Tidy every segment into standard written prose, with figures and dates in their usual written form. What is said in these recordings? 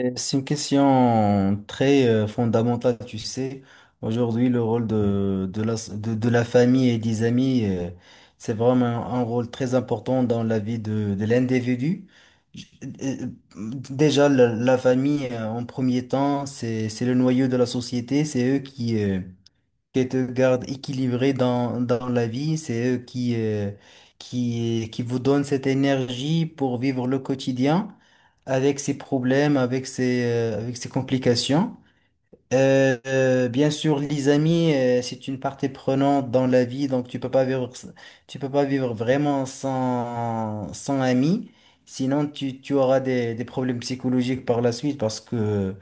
C'est une question très fondamentale, tu sais. Aujourd'hui, le rôle de la famille et des amis, c'est vraiment un rôle très important dans la vie de l'individu. J- euh, Déjà, la famille, en premier temps, c'est le noyau de la société. C'est eux qui te gardent équilibré dans la vie, c'est eux qui vous donnent cette énergie pour vivre le quotidien avec ses problèmes, avec avec ses complications. Bien sûr, les amis, c'est une partie prenante dans la vie, donc tu peux pas vivre, tu peux pas vivre vraiment sans amis. Sinon, tu auras des problèmes psychologiques par la suite parce que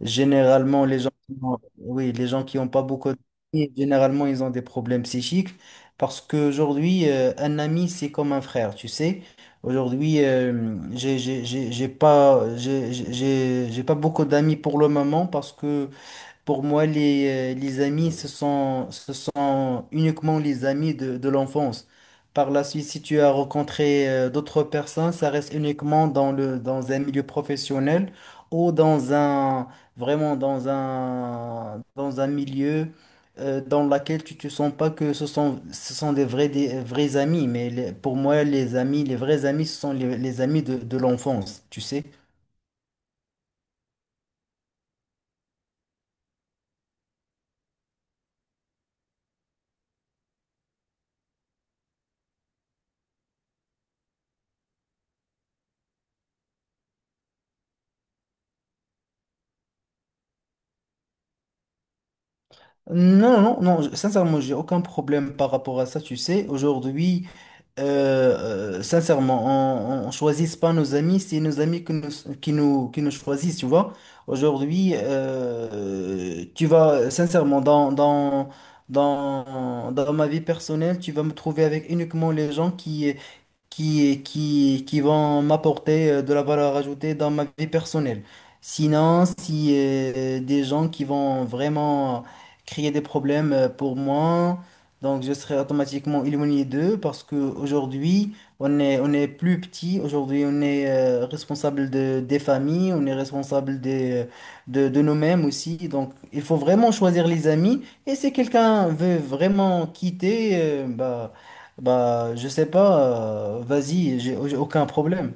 généralement, les oui, les gens qui n'ont pas beaucoup d'amis, généralement, ils ont des problèmes psychiques parce qu'aujourd'hui, un ami, c'est comme un frère, tu sais. Aujourd'hui, j'ai pas beaucoup d'amis pour le moment parce que pour moi, les amis, ce sont uniquement les amis de l'enfance. Par la suite, si tu as rencontré d'autres personnes, ça reste uniquement dans un milieu professionnel ou dans un milieu dans lequel tu te sens pas que ce sont des vrais amis. Pour moi, les amis, les vrais amis, ce sont les amis de l'enfance, tu sais. Non, non, non, sincèrement, j'ai aucun problème par rapport à ça, tu sais. Aujourd'hui, euh, sincèrement, on choisit pas nos amis, c'est nos amis qui nous choisissent, tu vois. Aujourd'hui, tu vas, sincèrement, dans ma vie personnelle, tu vas me trouver avec uniquement les gens qui vont m'apporter de la valeur ajoutée dans ma vie personnelle. Sinon, si des gens qui vont vraiment créer des problèmes pour moi, donc je serai automatiquement éloigné d'eux parce qu'aujourd'hui, on est plus petit, aujourd'hui on est responsable des familles, on est responsable de nous-mêmes aussi. Donc il faut vraiment choisir les amis. Et si quelqu'un veut vraiment quitter, bah, je sais pas, vas-y, j'ai aucun problème.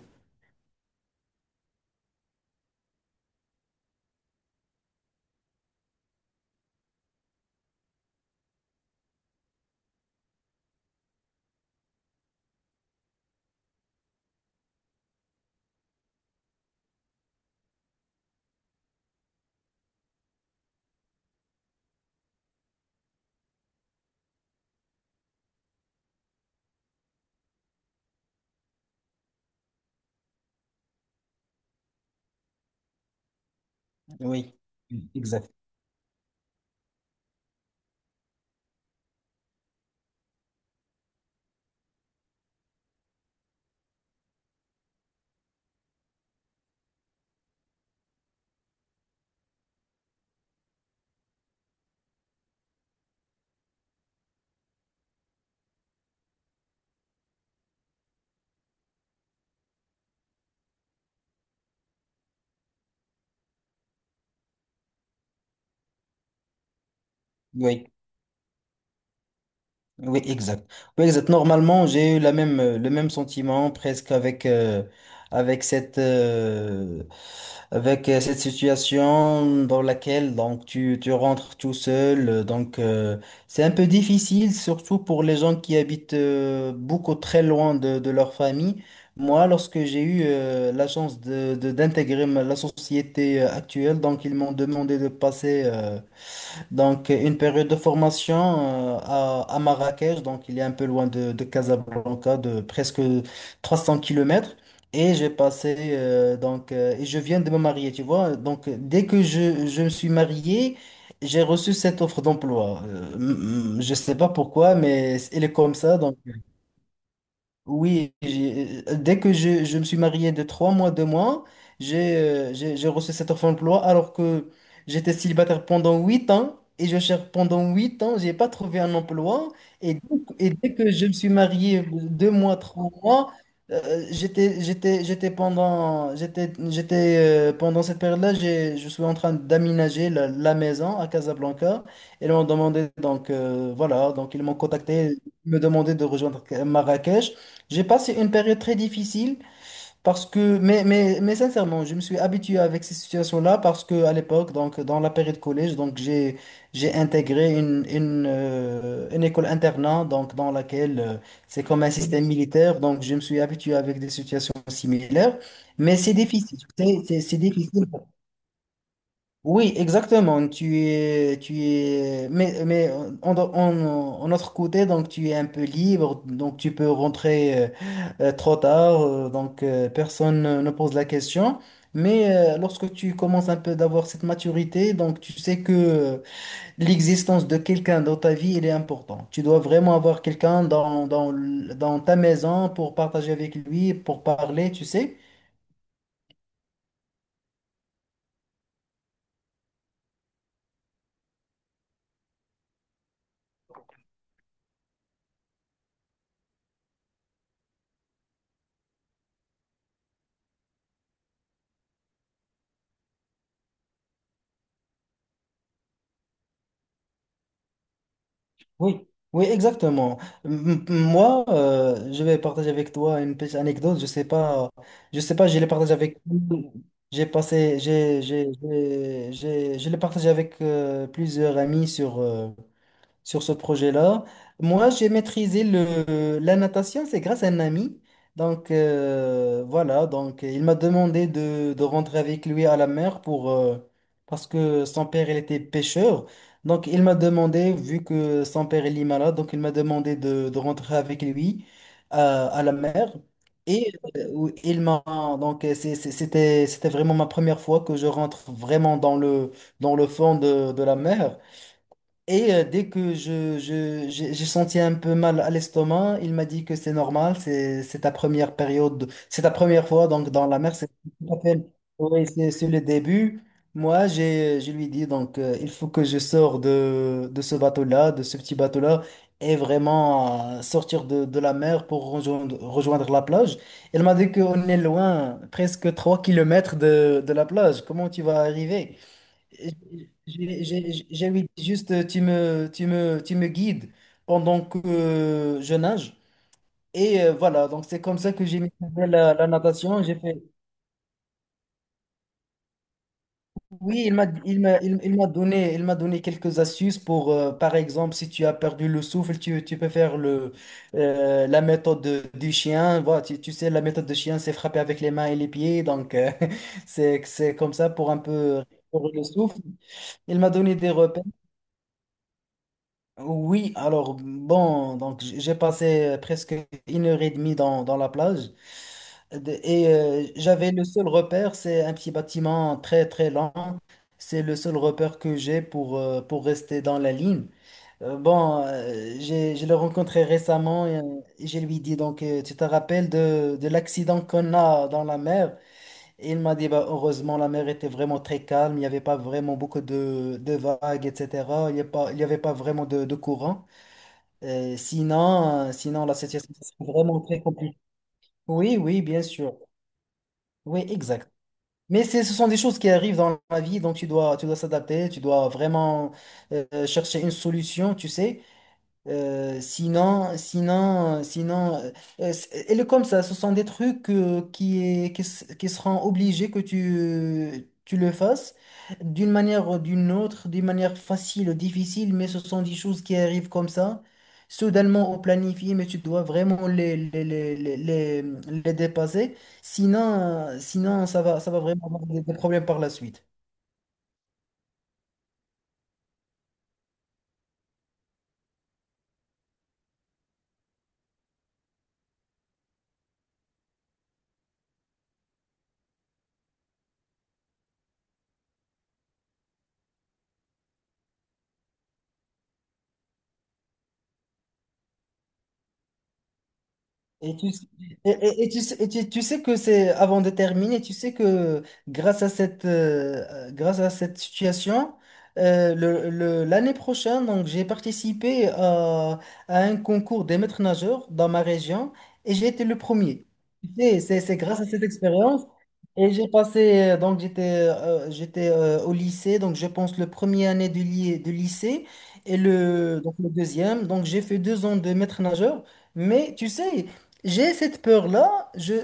Oui, oui. Oui, exact. Oui, exact. Normalement, j'ai eu la même, le même sentiment presque avec, avec cette, euh, cette situation dans laquelle donc, tu rentres tout seul. C'est un peu difficile, surtout pour les gens qui habitent beaucoup très loin de leur famille. Moi, lorsque j'ai eu la chance d'intégrer la société actuelle, donc ils m'ont demandé de passer. Une période de formation à Marrakech, donc il est un peu loin de Casablanca, de presque 300 kilomètres. Et j'ai passé, et je viens de me marier, tu vois. Donc, dès que je me suis marié, j'ai reçu cette offre d'emploi. Je sais pas pourquoi, mais elle est comme ça. Donc, oui, dès que je me suis marié de trois mois, deux mois, j'ai reçu cette offre d'emploi alors que j'étais célibataire pendant 8 ans et je cherche pendant 8 ans, j'ai pas trouvé un emploi et, dès que je me suis marié deux mois, trois mois, j'étais pendant cette période-là, j'ai je suis en train d'aménager la maison à Casablanca et ils m'ont demandé donc ils m'ont contacté. Ils me demandaient de rejoindre Marrakech. J'ai passé une période très difficile parce que, mais sincèrement, je me suis habitué avec ces situations-là parce que à l'époque, donc dans la période collège, donc j'ai intégré une école internat, donc dans laquelle c'est comme un système militaire, donc je me suis habitué avec des situations similaires, mais c'est difficile, tu sais, c'est difficile. Oui, exactement. Tu es, mais en autre côté, donc tu es un peu libre, donc tu peux rentrer trop tard, personne ne pose la question. Mais lorsque tu commences un peu d'avoir cette maturité, donc tu sais que l'existence de quelqu'un dans ta vie, il est important. Tu dois vraiment avoir quelqu'un dans ta maison pour partager avec lui, pour parler, tu sais. Oui, oui, exactement. Moi, je vais partager avec toi une petite anecdote. Je sais pas, je sais pas, je l'ai partagé avec, j'ai passé, j'ai- je l'ai partagé avec plusieurs amis sur, sur ce projet-là. Moi, j'ai maîtrisé la natation, c'est grâce à un ami. Donc, il m'a demandé de rentrer avec lui à la mer pour, parce que son père, il était pêcheur. Donc, il m'a demandé, vu que son père, il est malade, donc il m'a demandé de rentrer avec lui à la mer. Et où il m'a c'était vraiment ma première fois que je rentre vraiment dans le fond de la mer. Et dès que j'ai senti un peu mal à l'estomac, il m'a dit que c'est normal, c'est ta première période, c'est ta première fois donc dans la mer, c'est tout à fait- oui, c'est le début. Moi, j'ai je lui dis donc il faut que je sors de ce bateau-là, de ce petit bateau-là et vraiment sortir de la mer pour rejoindre, rejoindre la plage. Il m'a dit qu'on est loin, presque 3 kilomètres de la plage. Comment tu vas arriver? J'ai envie juste, tu me, tu me guides pendant que je nage. Et c'est comme ça que j'ai maîtrisé la natation. J'ai fait... Oui, il m'a donné quelques astuces pour, par exemple, si tu as perdu le souffle, tu peux faire la méthode du chien. Voilà, tu sais, la méthode du chien, c'est frapper avec les mains et les pieds. Donc, c'est comme ça pour un peu... pour le souffle. Il m'a donné des repères. Oui, alors bon, j'ai passé presque 1 heure et demie dans la plage. J'avais le seul repère, c'est un petit bâtiment très très lent. C'est le seul repère que j'ai pour rester dans la ligne. Je l'ai rencontré récemment et je lui dis donc tu te rappelles de l'accident qu'on a dans la mer? Et il m'a dit bah, heureusement la mer était vraiment très calme, il n'y avait pas vraiment beaucoup de vagues, etc. Il n'y avait pas vraiment de courant. Sinon, la situation c'est vraiment très compliquée. Oui, oui, bien sûr. Oui, exact. Ce sont des choses qui arrivent dans la vie, donc tu dois s'adapter, tu dois vraiment chercher une solution, tu sais. Euh, sinon, sinon, sinon, euh, Elle est comme ça. Ce sont des trucs qui, est- qui, s- qui seront obligés que tu le fasses d'une manière ou d'une autre, d'une manière facile ou difficile, mais ce sont des choses qui arrivent comme ça, soudainement au planifié, mais tu dois vraiment les dépasser. Sinon, sinon ça va vraiment avoir des problèmes par la suite. Et tu, et tu sais que c'est, avant de terminer, tu sais que grâce à cette situation, l'année prochaine, donc, j'ai participé à un concours des maîtres nageurs dans ma région et j'ai été le premier. Tu sais, c'est grâce à cette expérience. Et j'ai passé, j'étais au lycée, donc je pense le premier année du lycée et le, donc, le deuxième. Donc j'ai fait deux ans de maître nageur. Mais tu sais, j'ai cette peur-là, je,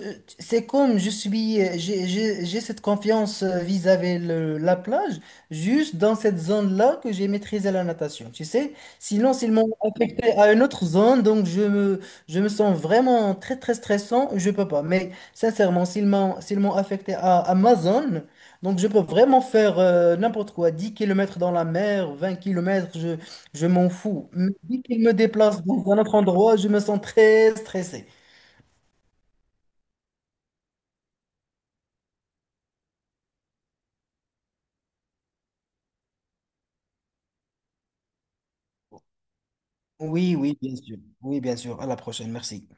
c'est comme je suis, j'ai cette confiance vis-à-vis la plage, juste dans cette zone-là que j'ai maîtrisé la natation, tu sais. Sinon, s'ils m'ont affecté à une autre zone, donc je me sens vraiment très, très stressant, je peux pas. Mais sincèrement, s'ils m'ont affecté à ma zone, donc je peux vraiment faire n'importe quoi, 10 kilomètres dans la mer, 20 kilomètres je m'en fous. Mais dès qu'ils me déplacent dans un autre endroit, je me sens très stressé. Oui, oui, bien sûr. Oui, bien sûr. À la prochaine. Merci.